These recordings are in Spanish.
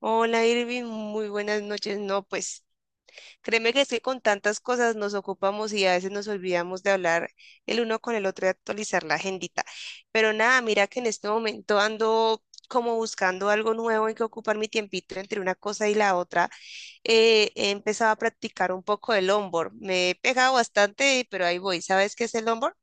Hola Irving, muy buenas noches. No, pues créeme que es que con tantas cosas nos ocupamos y a veces nos olvidamos de hablar el uno con el otro y actualizar la agendita. Pero nada, mira que en este momento ando como buscando algo nuevo en que ocupar mi tiempito entre una cosa y la otra. He empezado a practicar un poco el longboard. Me he pegado bastante, pero ahí voy. ¿Sabes qué es el longboard?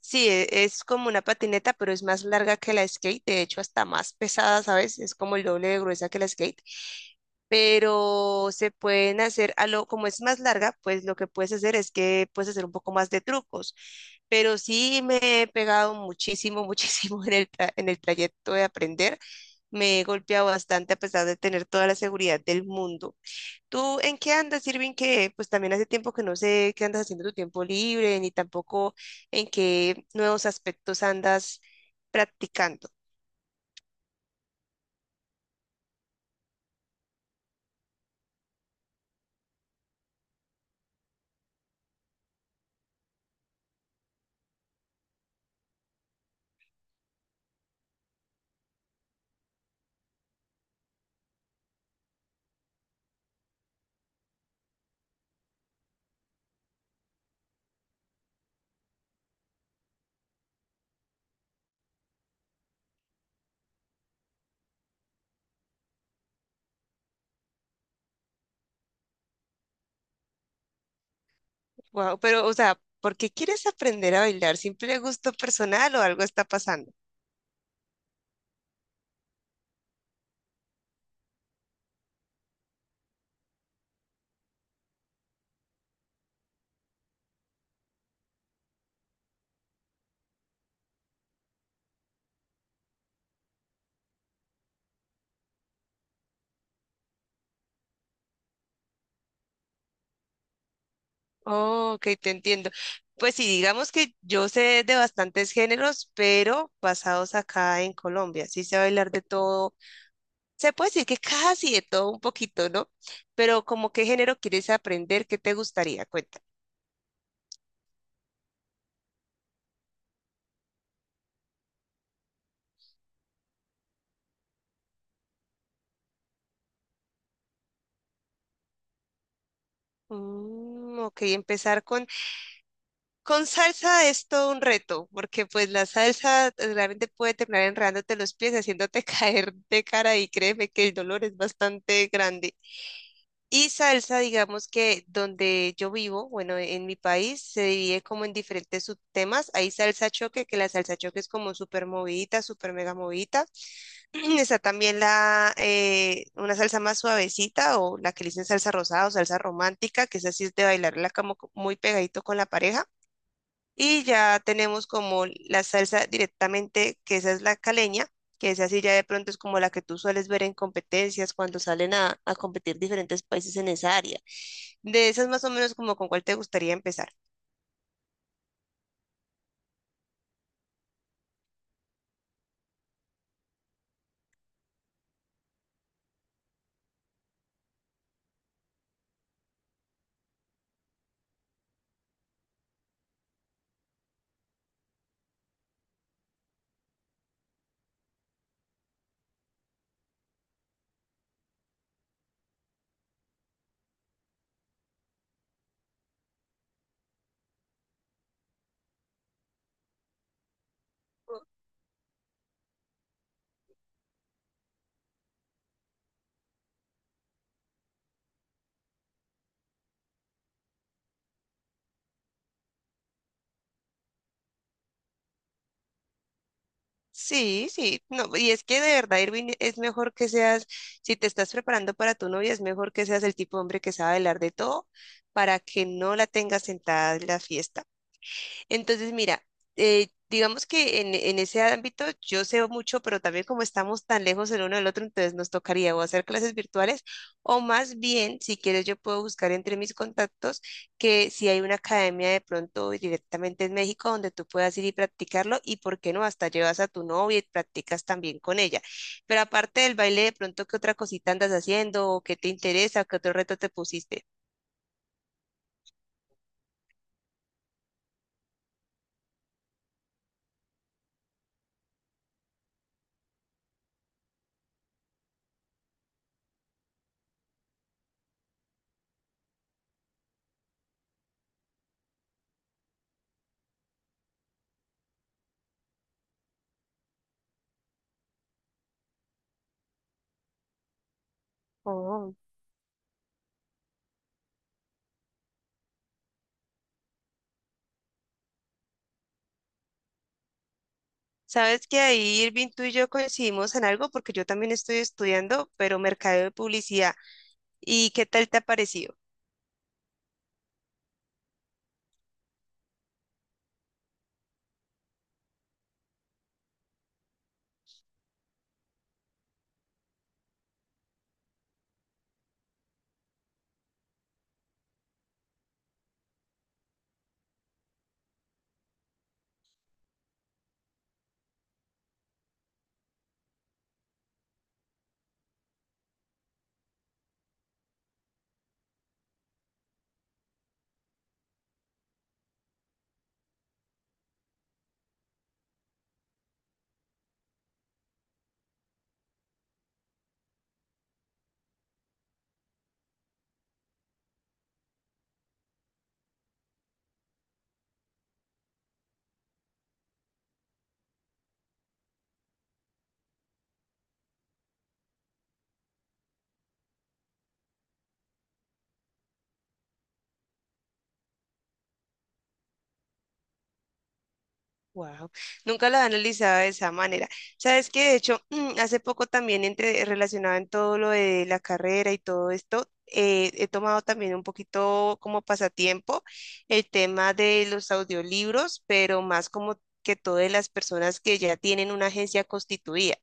Sí, es como una patineta, pero es más larga que la skate, de hecho hasta más pesada, ¿sabes? Es como el doble de gruesa que la skate. Pero se pueden hacer, a lo, como es más larga, pues lo que puedes hacer es que puedes hacer un poco más de trucos. Pero sí me he pegado muchísimo, muchísimo en el, en el trayecto de aprender. Me he golpeado bastante a pesar de tener toda la seguridad del mundo. ¿Tú en qué andas, Irving? Que pues también hace tiempo que no sé qué andas haciendo en tu tiempo libre, ni tampoco en qué nuevos aspectos andas practicando. Wow, pero, o sea, ¿por qué quieres aprender a bailar? ¿Simple gusto personal o algo está pasando? Oh, ok, te entiendo. Pues sí, digamos que yo sé de bastantes géneros, pero basados acá en Colombia. Sí sé bailar de todo. Se puede decir que casi de todo un poquito, ¿no? Pero como qué género quieres aprender, ¿qué te gustaría? Cuéntame. Mm, ok, empezar con salsa es todo un reto, porque pues la salsa realmente puede terminar enredándote los pies, haciéndote caer de cara y créeme que el dolor es bastante grande. Y salsa, digamos que donde yo vivo, bueno, en mi país se divide como en diferentes subtemas. Hay salsa choque, que la salsa choque es como súper movidita, súper mega movidita. Está también una salsa más suavecita o la que le dicen salsa rosada o salsa romántica, que es así es de bailarla como muy pegadito con la pareja. Y ya tenemos como la salsa directamente, que esa es la caleña, que es así ya de pronto es como la que tú sueles ver en competencias cuando salen a competir diferentes países en esa área. De esas más o menos como con cuál te gustaría empezar. Sí, sí, no, y es que de verdad, Irving, es mejor que seas, si te estás preparando para tu novia, es mejor que seas el tipo de hombre que sabe hablar de todo para que no la tengas sentada en la fiesta. Entonces, mira, digamos que en ese ámbito yo sé mucho, pero también como estamos tan lejos el uno del otro, entonces nos tocaría o hacer clases virtuales o más bien, si quieres, yo puedo buscar entre mis contactos que si hay una academia de pronto directamente en México donde tú puedas ir y practicarlo y, ¿por qué no? Hasta llevas a tu novia y practicas también con ella. Pero aparte del baile, de pronto, ¿qué otra cosita andas haciendo? ¿O qué te interesa? ¿Qué otro reto te pusiste? Oh. Sabes que ahí Irving tú y yo coincidimos en algo porque yo también estoy estudiando, pero mercadeo de publicidad. ¿Y qué tal te ha parecido? Wow, nunca la he analizado de esa manera. Sabes que de hecho, hace poco también entre, relacionado en todo lo de la carrera y todo esto, he tomado también un poquito como pasatiempo el tema de los audiolibros, pero más como que todas las personas que ya tienen una agencia constituida.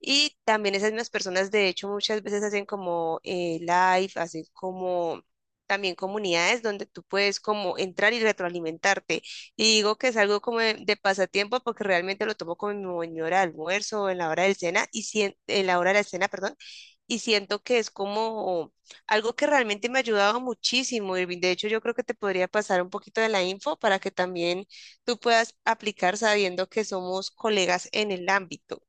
Y también esas mismas personas, de hecho, muchas veces hacen como live, hacen como también comunidades donde tú puedes como entrar y retroalimentarte. Y digo que es algo como de pasatiempo porque realmente lo tomo como en mi hora de almuerzo, o en la hora del cena, y en la hora de la cena, perdón, y siento que es como algo que realmente me ha ayudado muchísimo, Irving. De hecho, yo creo que te podría pasar un poquito de la info para que también tú puedas aplicar sabiendo que somos colegas en el ámbito.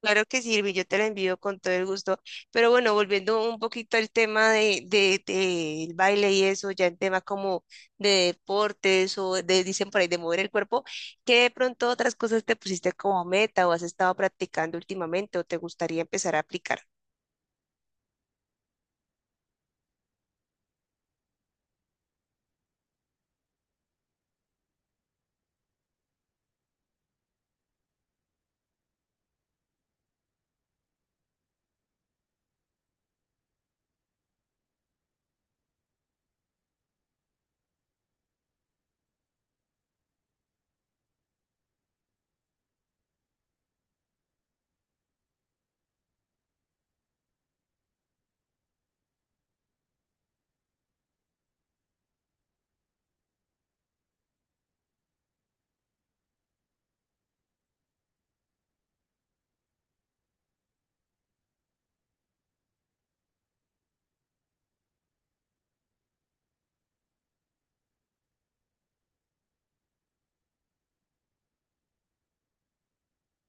Claro que sí, sirve, yo te la envío con todo el gusto. Pero bueno, volviendo un poquito al tema del baile y eso, ya en tema como de deportes o de, dicen por ahí, de mover el cuerpo, ¿qué de pronto otras cosas te pusiste como meta o has estado practicando últimamente o te gustaría empezar a aplicar?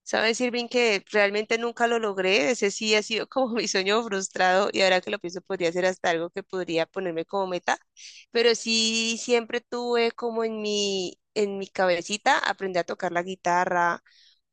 Sabes, Irving, que realmente nunca lo logré. Ese sí ha sido como mi sueño frustrado y ahora que lo pienso podría ser hasta algo que podría ponerme como meta. Pero sí siempre tuve como en en mi cabecita aprender a tocar la guitarra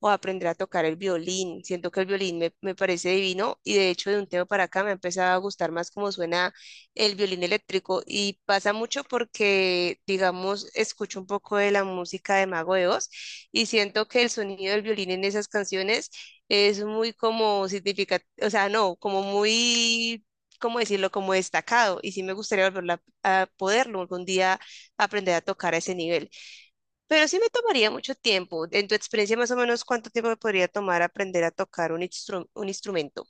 o aprender a tocar el violín. Siento que el violín me parece divino y de hecho de un tiempo para acá me ha empezado a gustar más cómo suena el violín eléctrico y pasa mucho porque, digamos, escucho un poco de la música de Mago de Oz y siento que el sonido del violín en esas canciones es muy como significativo, o sea, no, como muy, ¿cómo decirlo? Como destacado y sí me gustaría volver a poderlo algún día aprender a tocar a ese nivel. Pero sí me tomaría mucho tiempo. En tu experiencia, más o menos, ¿cuánto tiempo me podría tomar aprender a tocar un un instrumento?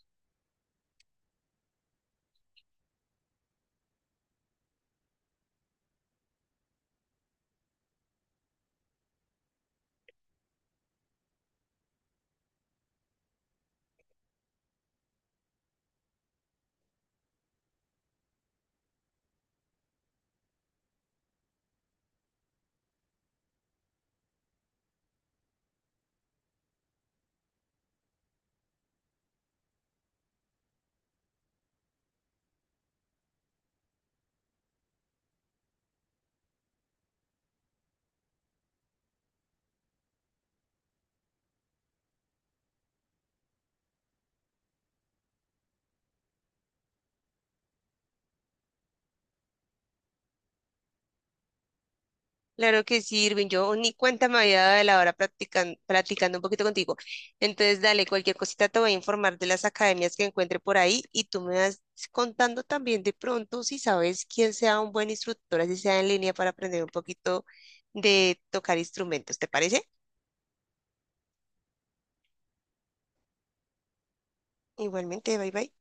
Claro que sí, Irving. Yo ni cuenta me había dado de la hora platicando un poquito contigo. Entonces, dale, cualquier cosita te voy a informar de las academias que encuentre por ahí y tú me vas contando también de pronto si sabes quién sea un buen instructor, así sea en línea para aprender un poquito de tocar instrumentos. ¿Te parece? Igualmente, bye bye.